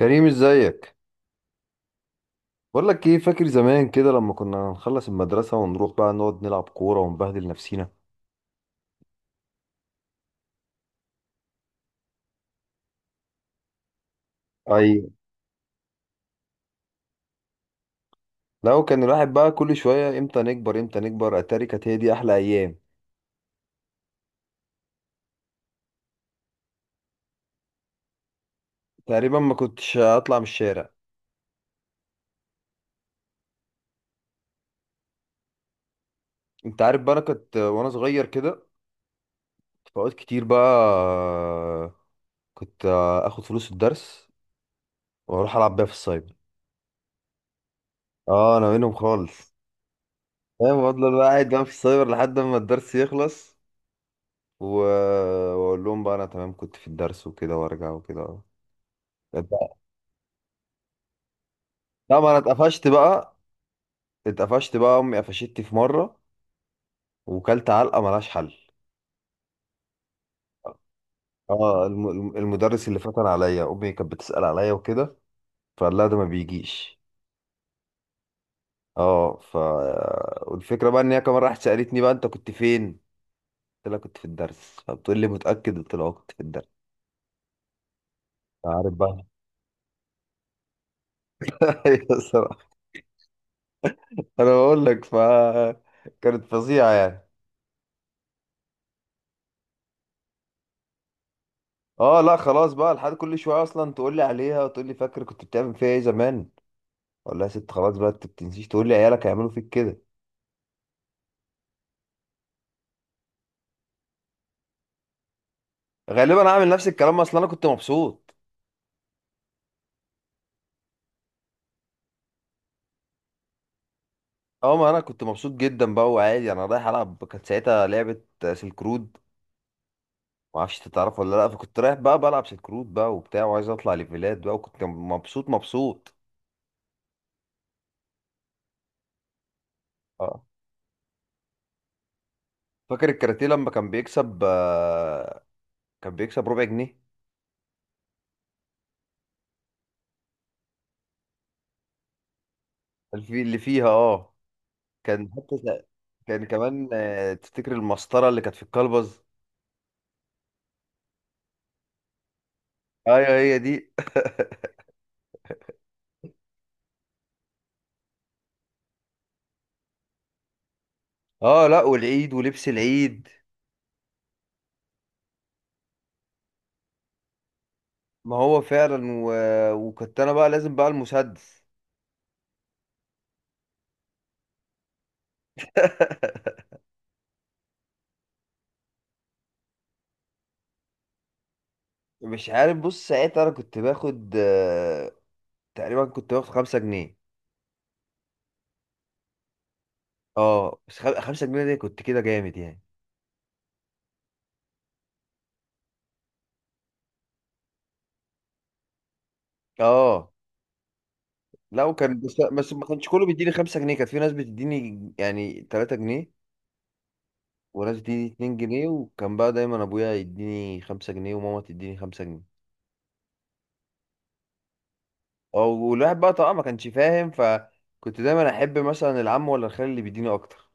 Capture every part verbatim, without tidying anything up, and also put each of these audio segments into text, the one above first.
كريم، ازيك؟ بقول لك ايه، فاكر زمان كده لما كنا نخلص المدرسة ونروح بقى نقعد نلعب كورة ونبهدل نفسينا؟ ايوه، لو كان الواحد بقى كل شوية امتى نكبر، امتى نكبر. اتاري كانت هي دي احلى ايام. تقريبا ما كنتش اطلع من الشارع. انت عارف بقى، انا كنت وانا صغير كده في اوقات كتير بقى كنت اخد فلوس الدرس واروح العب بيها في السايبر. اه انا منهم خالص. فاهم؟ افضل بقى قاعد بقى في السايبر لحد ما الدرس يخلص و- واقول لهم بقى انا تمام، كنت في الدرس وكده وارجع وكده. لا، ما انا اتقفشت بقى. اتقفشت بقى، امي قفشتني في مره وكلت علقه ملهاش حل. اه الم- الم- المدرس اللي فتن عليا، امي كانت بتسال عليا وكده فقال لها ده ما بيجيش. اه ف والفكره بقى ان هي كمان راحت سالتني بقى انت كنت فين؟ قلت لها كنت في الدرس. فبتقول لي متاكد؟ قلت لها آه، كنت في الدرس. عارف بقى. ايوه، الصراحه. انا بقول لك ف كانت فظيعه يعني. اه لا خلاص بقى، لحد كل شويه اصلا تقول لي عليها وتقول لي فاكر كنت بتعمل فيها ايه زمان. اقول لها يا ست خلاص بقى، انت بتنسيش؟ تقول لي عيالك هيعملوا فيك كده. غالبا هعمل نفس الكلام، اصلا انا كنت مبسوط. اه ما انا كنت مبسوط جدا بقى، وعادي انا رايح العب. كانت ساعتها لعبه سلك رود. ما اعرفش انت تعرف ولا لا، فكنت رايح بقى بلعب سلك رود بقى وبتاع وعايز اطلع ليفلات بقى، وكنت مبسوط مبسوط. اه، فاكر الكاراتيه لما كان بيكسب آه، كان بيكسب ربع جنيه. اللي في- اللي فيها اه. كان حتى س- كان كمان آه، تفتكر المسطرة اللي كانت في الكلبز؟ ايوه هي دي. اه لا، والعيد ولبس العيد. ما هو فعلا و... وكنت انا بقى لازم بقى المسدس. مش عارف، بص ساعتها انا كنت باخد آه، تقريبا كنت باخد خمسة جنيه. اه بس خم- خمسة جنيه دي كنت كده جامد يعني. اه لا، وكان بس بس ما كانش كله بيديني خمسة جنيه. كانت في ناس بتديني يعني تلاتة جنيه، وناس بتديني اتنين جنيه. وكان بقى دايما ابويا يديني خمسة جنيه وماما تديني خمسة جنيه. اه والواحد بقى طبعا ما كانش فاهم، فكنت دايما احب مثلا العم ولا الخال اللي بيديني اكتر.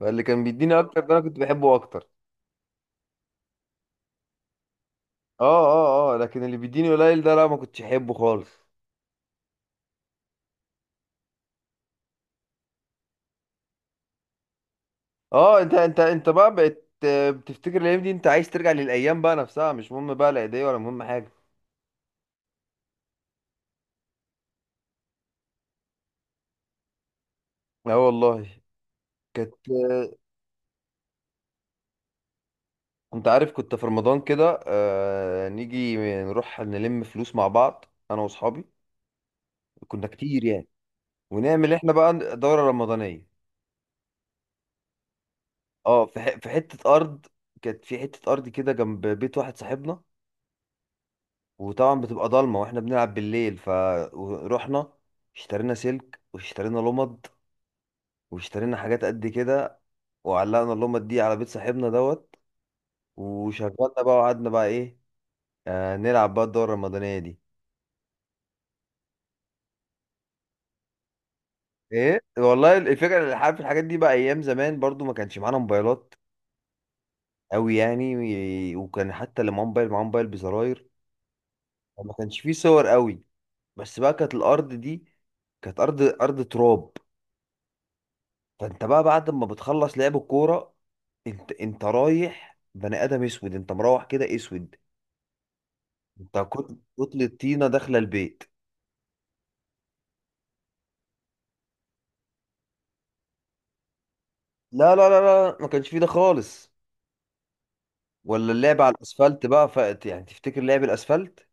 فاللي كان بيديني اكتر ده انا كنت بحبه اكتر. اه اه اه، لكن اللي بيديني قليل ده لا، ما كنتش احبه خالص. اه انت انت انت بقى بقت آه، بتفتكر الايام دي؟ انت عايز ترجع للايام بقى نفسها، مش مهم بقى لا ايديا ولا مهم حاجه. اه والله. كانت. انت عارف كنت في رمضان كده آه نيجي نروح نلم فلوس مع بعض، انا واصحابي، كنا كتير يعني، ونعمل احنا بقى دورة رمضانية. اه في ح- في حته ارض. كانت في حته ارض كده جنب بيت واحد صاحبنا، وطبعا بتبقى ضلمه واحنا بنلعب بالليل. فروحنا اشترينا سلك واشترينا لمض واشترينا حاجات قد كده، وعلقنا اللمض دي على بيت صاحبنا دوت، وشغلنا بقى وقعدنا بقى ايه آه نلعب بقى الدورة الرمضانية دي. ايه والله الفكرة. اللي عارف، الحاجات دي بقى ايام زمان برضو ما كانش معانا موبايلات قوي يعني. وكان حتى اللي معاه موبايل معاه موبايل بزراير، ما كانش فيه صور قوي. بس بقى كانت الارض دي كانت ارض، ارض تراب. فانت بقى بعد ما بتخلص لعب الكوره انت انت رايح بني ادم اسود، انت مروح كده اسود. انت كت- كتلة طينه داخله البيت. لا لا لا لا، ما كانش فيه ده خالص، ولا اللعب على الاسفلت بقى. فقت يعني تفتكر لعب الاسفلت؟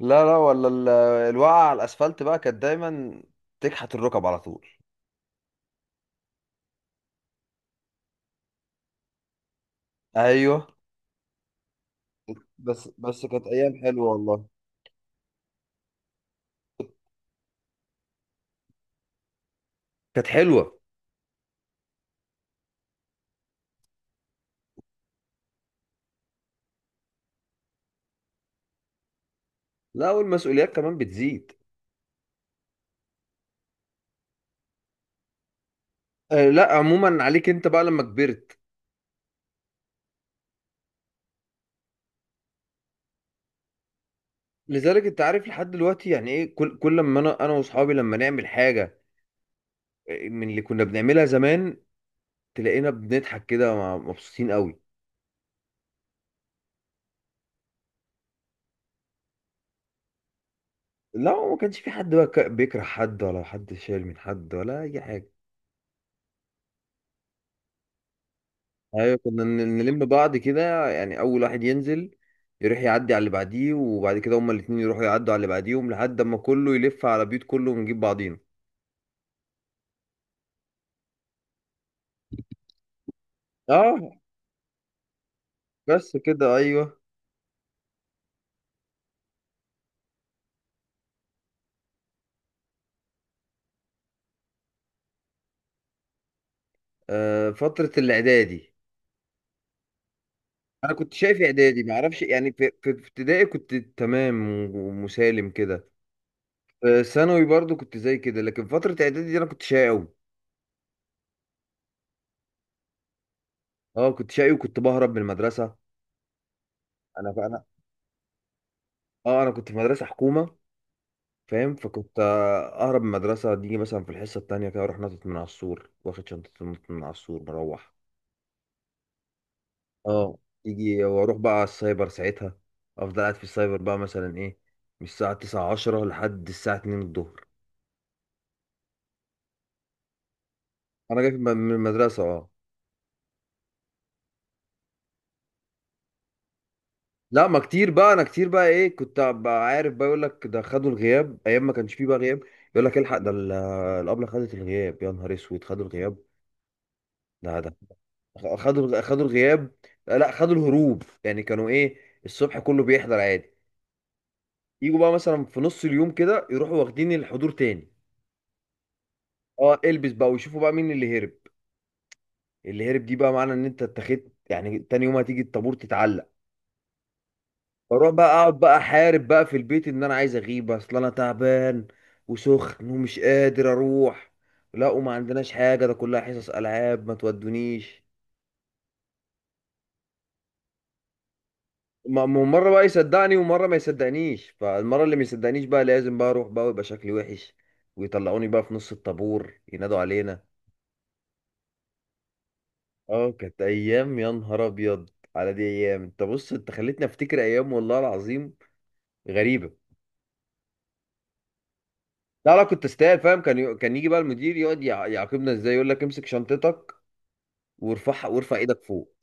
لا لا، ولا ال- الوقعه على الاسفلت بقى كانت دايما تكحت الركب على طول. ايوه بس بس كانت ايام حلوه والله. كانت حلوه. لا، والمسؤوليات كمان بتزيد. آه لا، عموما عليك انت بقى لما كبرت. لذلك انت عارف لحد دلوقتي يعني ايه، كل كل ما انا انا واصحابي لما نعمل حاجه آه، من اللي كنا بنعملها زمان، تلاقينا بنضحك كده مع- مبسوطين قوي. لا، ما كانش في حد بقى ك- بيكره حد ولا حد شايل من حد ولا اي حاجه. ايوه كنا ن- نلم بعض كده يعني، اول واحد ينزل يروح يعدي على اللي بعديه، وبعد كده هما الاتنين يروحوا يعدوا على اللي بعديهم، لحد اما كله يلف على بيوت كله ونجيب بعضينا. اه بس كده ايوه. آه، فترة الإعدادي. أنا كنت شايف إعدادي، معرفش يعني، في في ابتدائي كنت تمام ومسالم كده. في ثانوي برضو كنت زي كده، لكن فترة إعدادي دي أنا كنت شقي أوي. أه كنت شقي، وكنت بهرب من المدرسة. أنا أنا أه أنا كنت في مدرسة حكومة. فاهم؟ فكنت آه، أهرب من المدرسة دي، مثلا في الحصة التانية كده أروح نطت من على السور، واخد شنطة نط من على السور مروح. أه يجي وأروح بقى على السايبر ساعتها، أفضل قاعد في السايبر بقى مثلا إيه، من الساعة تسعة عشرة لحد الساعة اتنين الظهر. انا جاي من من المدرسه اه. لا، ما كتير بقى، انا كتير بقى ايه كنت بقى عارف بقى. يقول لك ده خدوا الغياب، ايام ما كانش فيه بقى غياب. يقول لك الحق ده ال- الابله خدت الغياب، يا نهار اسود، خدوا الغياب. ده ده خدوا الغ- خدوا الغياب. لا خدوا الهروب يعني. كانوا ايه، الصبح كله بيحضر عادي، يجوا بقى مثلا في نص اليوم كده يروحوا واخدين الحضور تاني. اه البس بقى ويشوفوا بقى مين اللي هرب، اللي هرب دي بقى معنى ان انت اتخذت يعني، تاني يوم هتيجي الطابور تتعلق. بروح بقى اقعد بقى احارب بقى في البيت ان انا عايز اغيب، اصل انا تعبان وسخن ومش قادر اروح، لا وما عندناش حاجه ده كلها حصص العاب ما تودونيش. ما- ما هو مره بقى يصدقني ومره ما يصدقنيش، فالمره اللي ما يصدقنيش بقى لازم بقى اروح بقى ويبقى شكلي وحش، ويطلعوني بقى في نص الطابور ينادوا علينا. اه كانت ايام يا نهار ابيض. على دي ايام. انت بص، انت خليتني افتكر ايام والله العظيم، غريبه. لا لا كنت استاهل. فاهم؟ كان ي- كان يجي بقى المدير يقعد يع- يعاقبنا ازاي، يقول لك امسك شنطتك وارفعها وارفع ايدك فوق.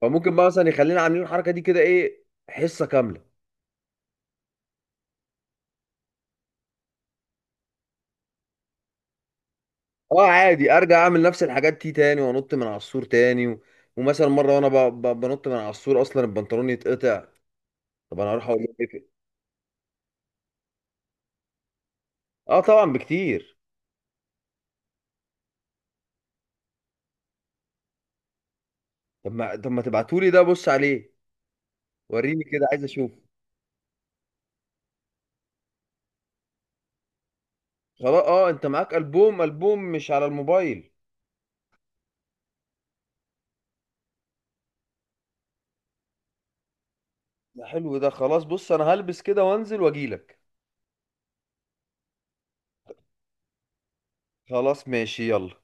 فممكن بقى مثلا يخلينا عاملين الحركه دي كده ايه حصه كامله. اه عادي ارجع اعمل نفس الحاجات دي تاني وانط من على السور تاني و... ومثلا مره وانا ب... ب... بنط من على السور اصلا البنطلون يتقطع. طب انا هروح اقول لهم ايه في- اه طبعا بكتير. طب ما، طب ما تبعتولي ده بص عليه وريني كده عايز اشوف. خلاص اه، انت معاك البوم، البوم مش على الموبايل. ده حلو. ده خلاص بص انا هلبس كده وانزل واجيلك. خلاص ماشي، يلا.